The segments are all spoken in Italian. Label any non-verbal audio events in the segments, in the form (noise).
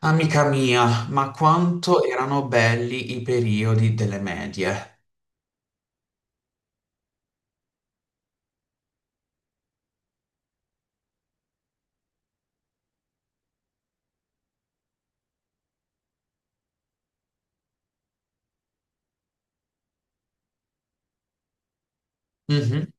Amica mia, ma quanto erano belli i periodi delle medie. Mhm.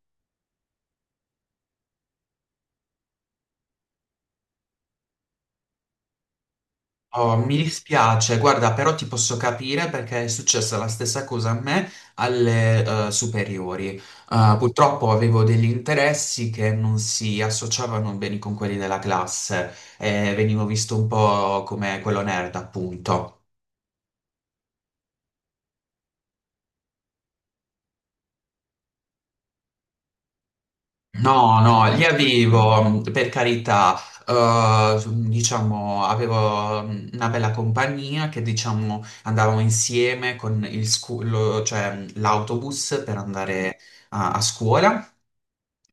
Oh, mi dispiace, guarda, però ti posso capire perché è successa la stessa cosa a me alle superiori. Purtroppo avevo degli interessi che non si associavano bene con quelli della classe e venivo visto un po' come quello nerd, appunto. No, no, li avevo, per carità, diciamo, avevo una bella compagnia che, diciamo, andavamo insieme con cioè, l'autobus per andare a scuola.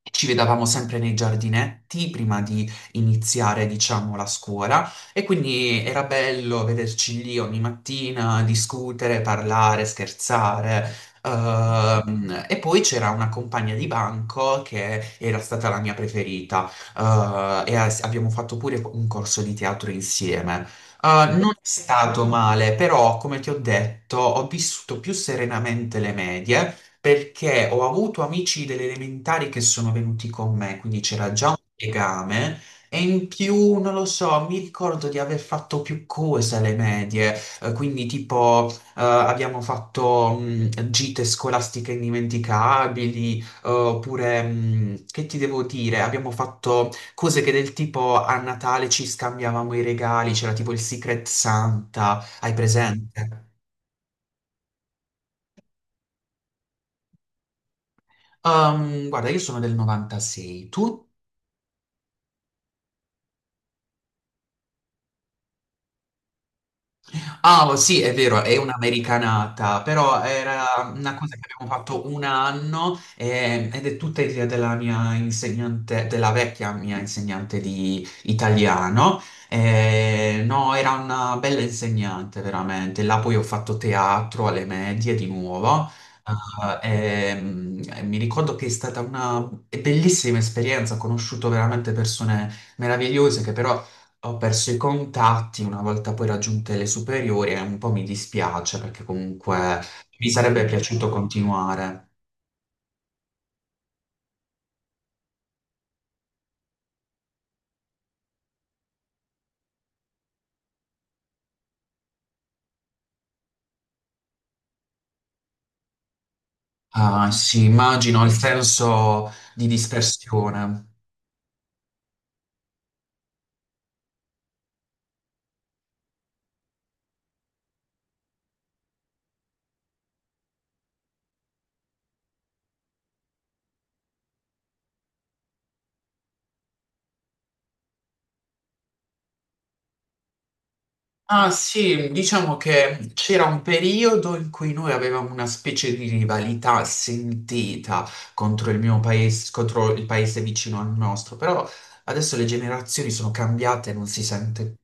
Ci vedevamo sempre nei giardinetti prima di iniziare, diciamo, la scuola e quindi era bello vederci lì ogni mattina, discutere, parlare, scherzare. E poi c'era una compagna di banco che era stata la mia preferita, abbiamo fatto pure un corso di teatro insieme. Eh, non è stato male, però, come ti ho detto, ho vissuto più serenamente le medie perché ho avuto amici delle elementari che sono venuti con me, quindi c'era già un legame. E in più, non lo so, mi ricordo di aver fatto più cose alle medie, quindi tipo abbiamo fatto gite scolastiche indimenticabili, oppure, che ti devo dire, abbiamo fatto cose che del tipo a Natale ci scambiavamo i regali, c'era tipo il Secret Santa, hai presente? Guarda, io sono del 96, tu? Ah, oh, sì, è vero, è un'americanata, però era una cosa che abbiamo fatto un anno ed è tutta idea della mia insegnante, della vecchia mia insegnante di italiano. No, era una bella insegnante, veramente. Là poi ho fatto teatro alle medie di nuovo. E mi ricordo che è stata una bellissima esperienza, ho conosciuto veramente persone meravigliose che però ho perso i contatti una volta poi raggiunte le superiori e un po' mi dispiace perché comunque mi sarebbe piaciuto continuare. Ah, sì, immagino il senso di dispersione. Ah, sì, diciamo che c'era un periodo in cui noi avevamo una specie di rivalità sentita contro il mio paese, contro il paese vicino al nostro, però adesso le generazioni sono cambiate e non si sente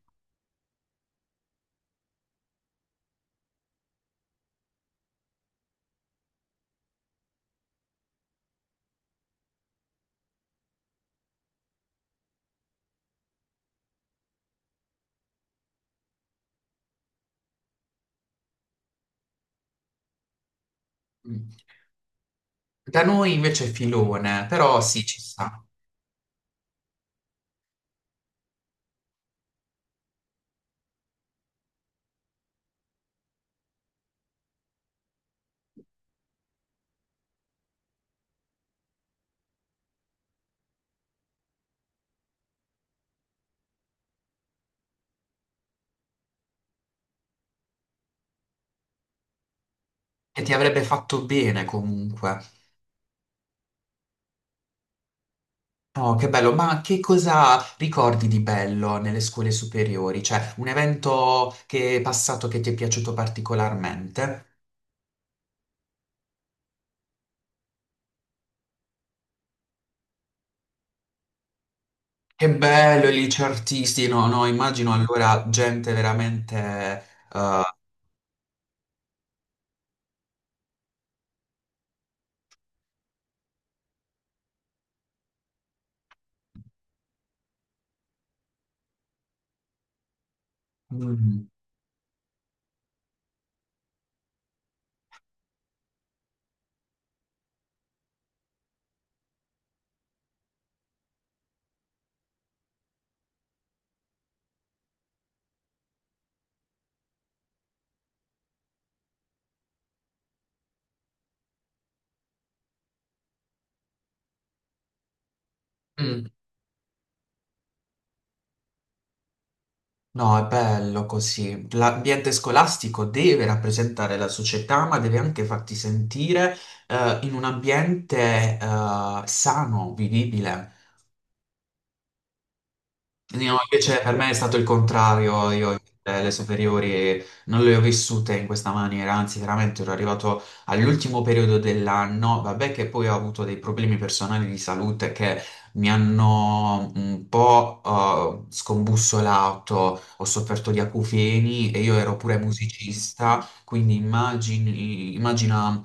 più. Da noi invece è filone, però sì, ci sta. E ti avrebbe fatto bene comunque. Oh, che bello, ma che cosa ricordi di bello nelle scuole superiori? Cioè, un evento che è passato che ti è piaciuto particolarmente? Che bello, i licei artisti, no, no, immagino allora gente veramente... eh, mm, mm. No, è bello così. L'ambiente scolastico deve rappresentare la società, ma deve anche farti sentire in un ambiente sano, vivibile. No, invece per me è stato il contrario, io le superiori non le ho vissute in questa maniera, anzi veramente ero arrivato all'ultimo periodo dell'anno, vabbè che poi ho avuto dei problemi personali di salute che mi hanno un po' scombussolato, ho sofferto di acufeni e io ero pure musicista, quindi immagini, immagina...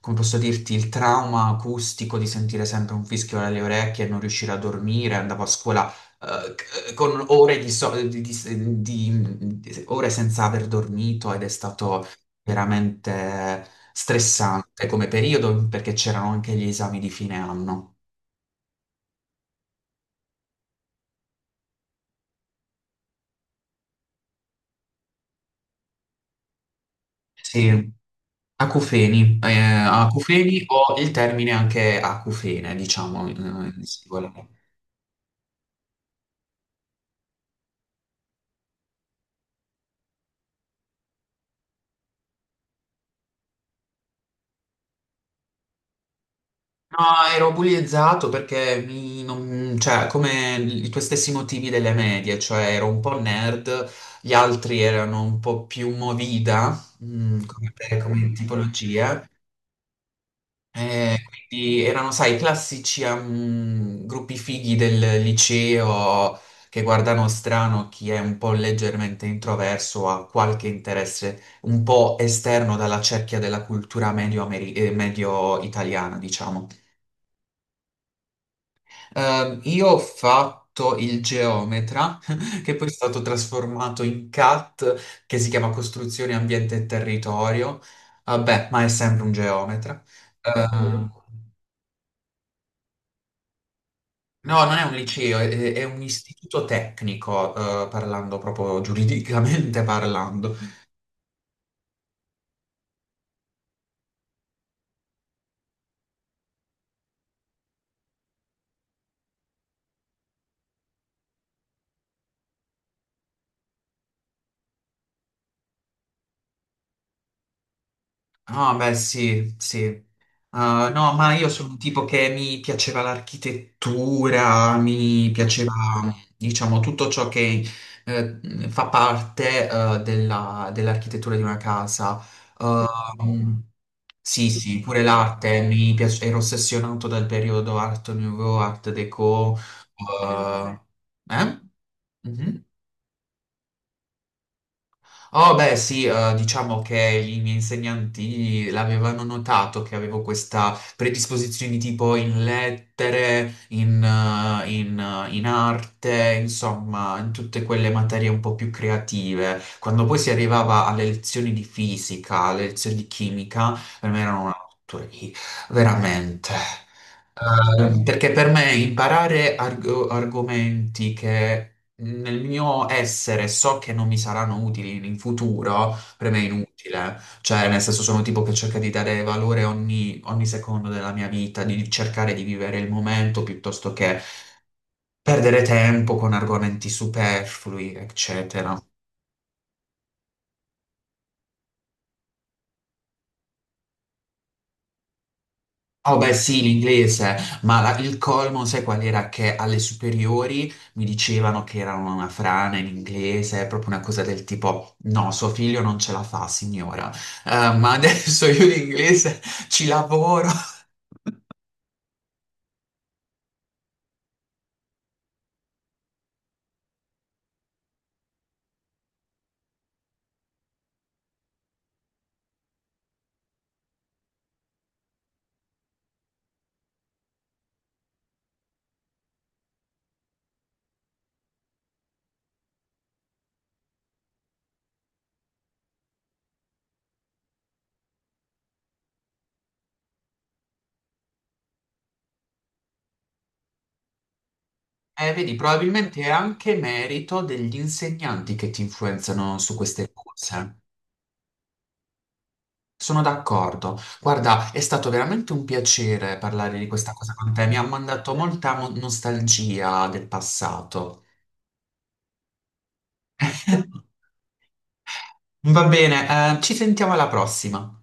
Come posso dirti, il trauma acustico di sentire sempre un fischio alle orecchie e non riuscire a dormire, andavo a scuola con ore di, ore senza aver dormito ed è stato veramente stressante come periodo perché c'erano anche gli esami di fine anno. Sì, acufeni, acufeni o il termine anche acufene, diciamo, in singolare. No, ero bullizzato perché cioè, come i tuoi stessi motivi delle medie, cioè ero un po' nerd, gli altri erano un po' più movida, come, come tipologia, e quindi erano, sai, i classici gruppi fighi del liceo che guardano strano chi è un po' leggermente introverso o ha qualche interesse un po' esterno dalla cerchia della cultura medio-italiana, diciamo. Io ho fatto il geometra, (laughs) che poi è stato trasformato in CAT, che si chiama Costruzione, Ambiente e Territorio. Vabbè, ma è sempre un geometra. Ehm, no, non è un liceo, è un istituto tecnico, parlando proprio giuridicamente (laughs) parlando. No, beh, sì, sì. Ah, no, ma io sono un tipo che mi piaceva l'architettura, mi piaceva, diciamo, tutto ciò che eh, fa parte dell'architettura di una casa. Ehm, sì, sì, pure l'arte, mi piace, ero ossessionato dal periodo Art Nouveau, Art Déco. eh, eh? Mhm. Oh, beh, sì, diciamo che i miei insegnanti l'avevano notato che avevo questa predisposizione tipo in lettere, in arte, insomma, in tutte quelle materie un po' più creative. Quando poi si arrivava alle lezioni di fisica, alle lezioni di chimica, per me erano una tortura, veramente. Perché per me imparare argomenti che nel mio essere so che non mi saranno utili in futuro, per me è inutile. Cioè, nel senso, sono un tipo che cerca di dare valore ogni secondo della mia vita, di cercare di vivere il momento piuttosto che perdere tempo con argomenti superflui, eccetera. Oh beh sì, l'inglese, ma il colmo sai qual era? Che alle superiori mi dicevano che era una frana in inglese, proprio una cosa del tipo no, suo figlio non ce la fa, signora. Ma (laughs) adesso io l'inglese ci lavoro. Vedi, probabilmente è anche merito degli insegnanti che ti influenzano su queste cose. Sono d'accordo. Guarda, è stato veramente un piacere parlare di questa cosa con te, mi ha mandato molta nostalgia del passato. (laughs) Va bene, ci sentiamo alla prossima.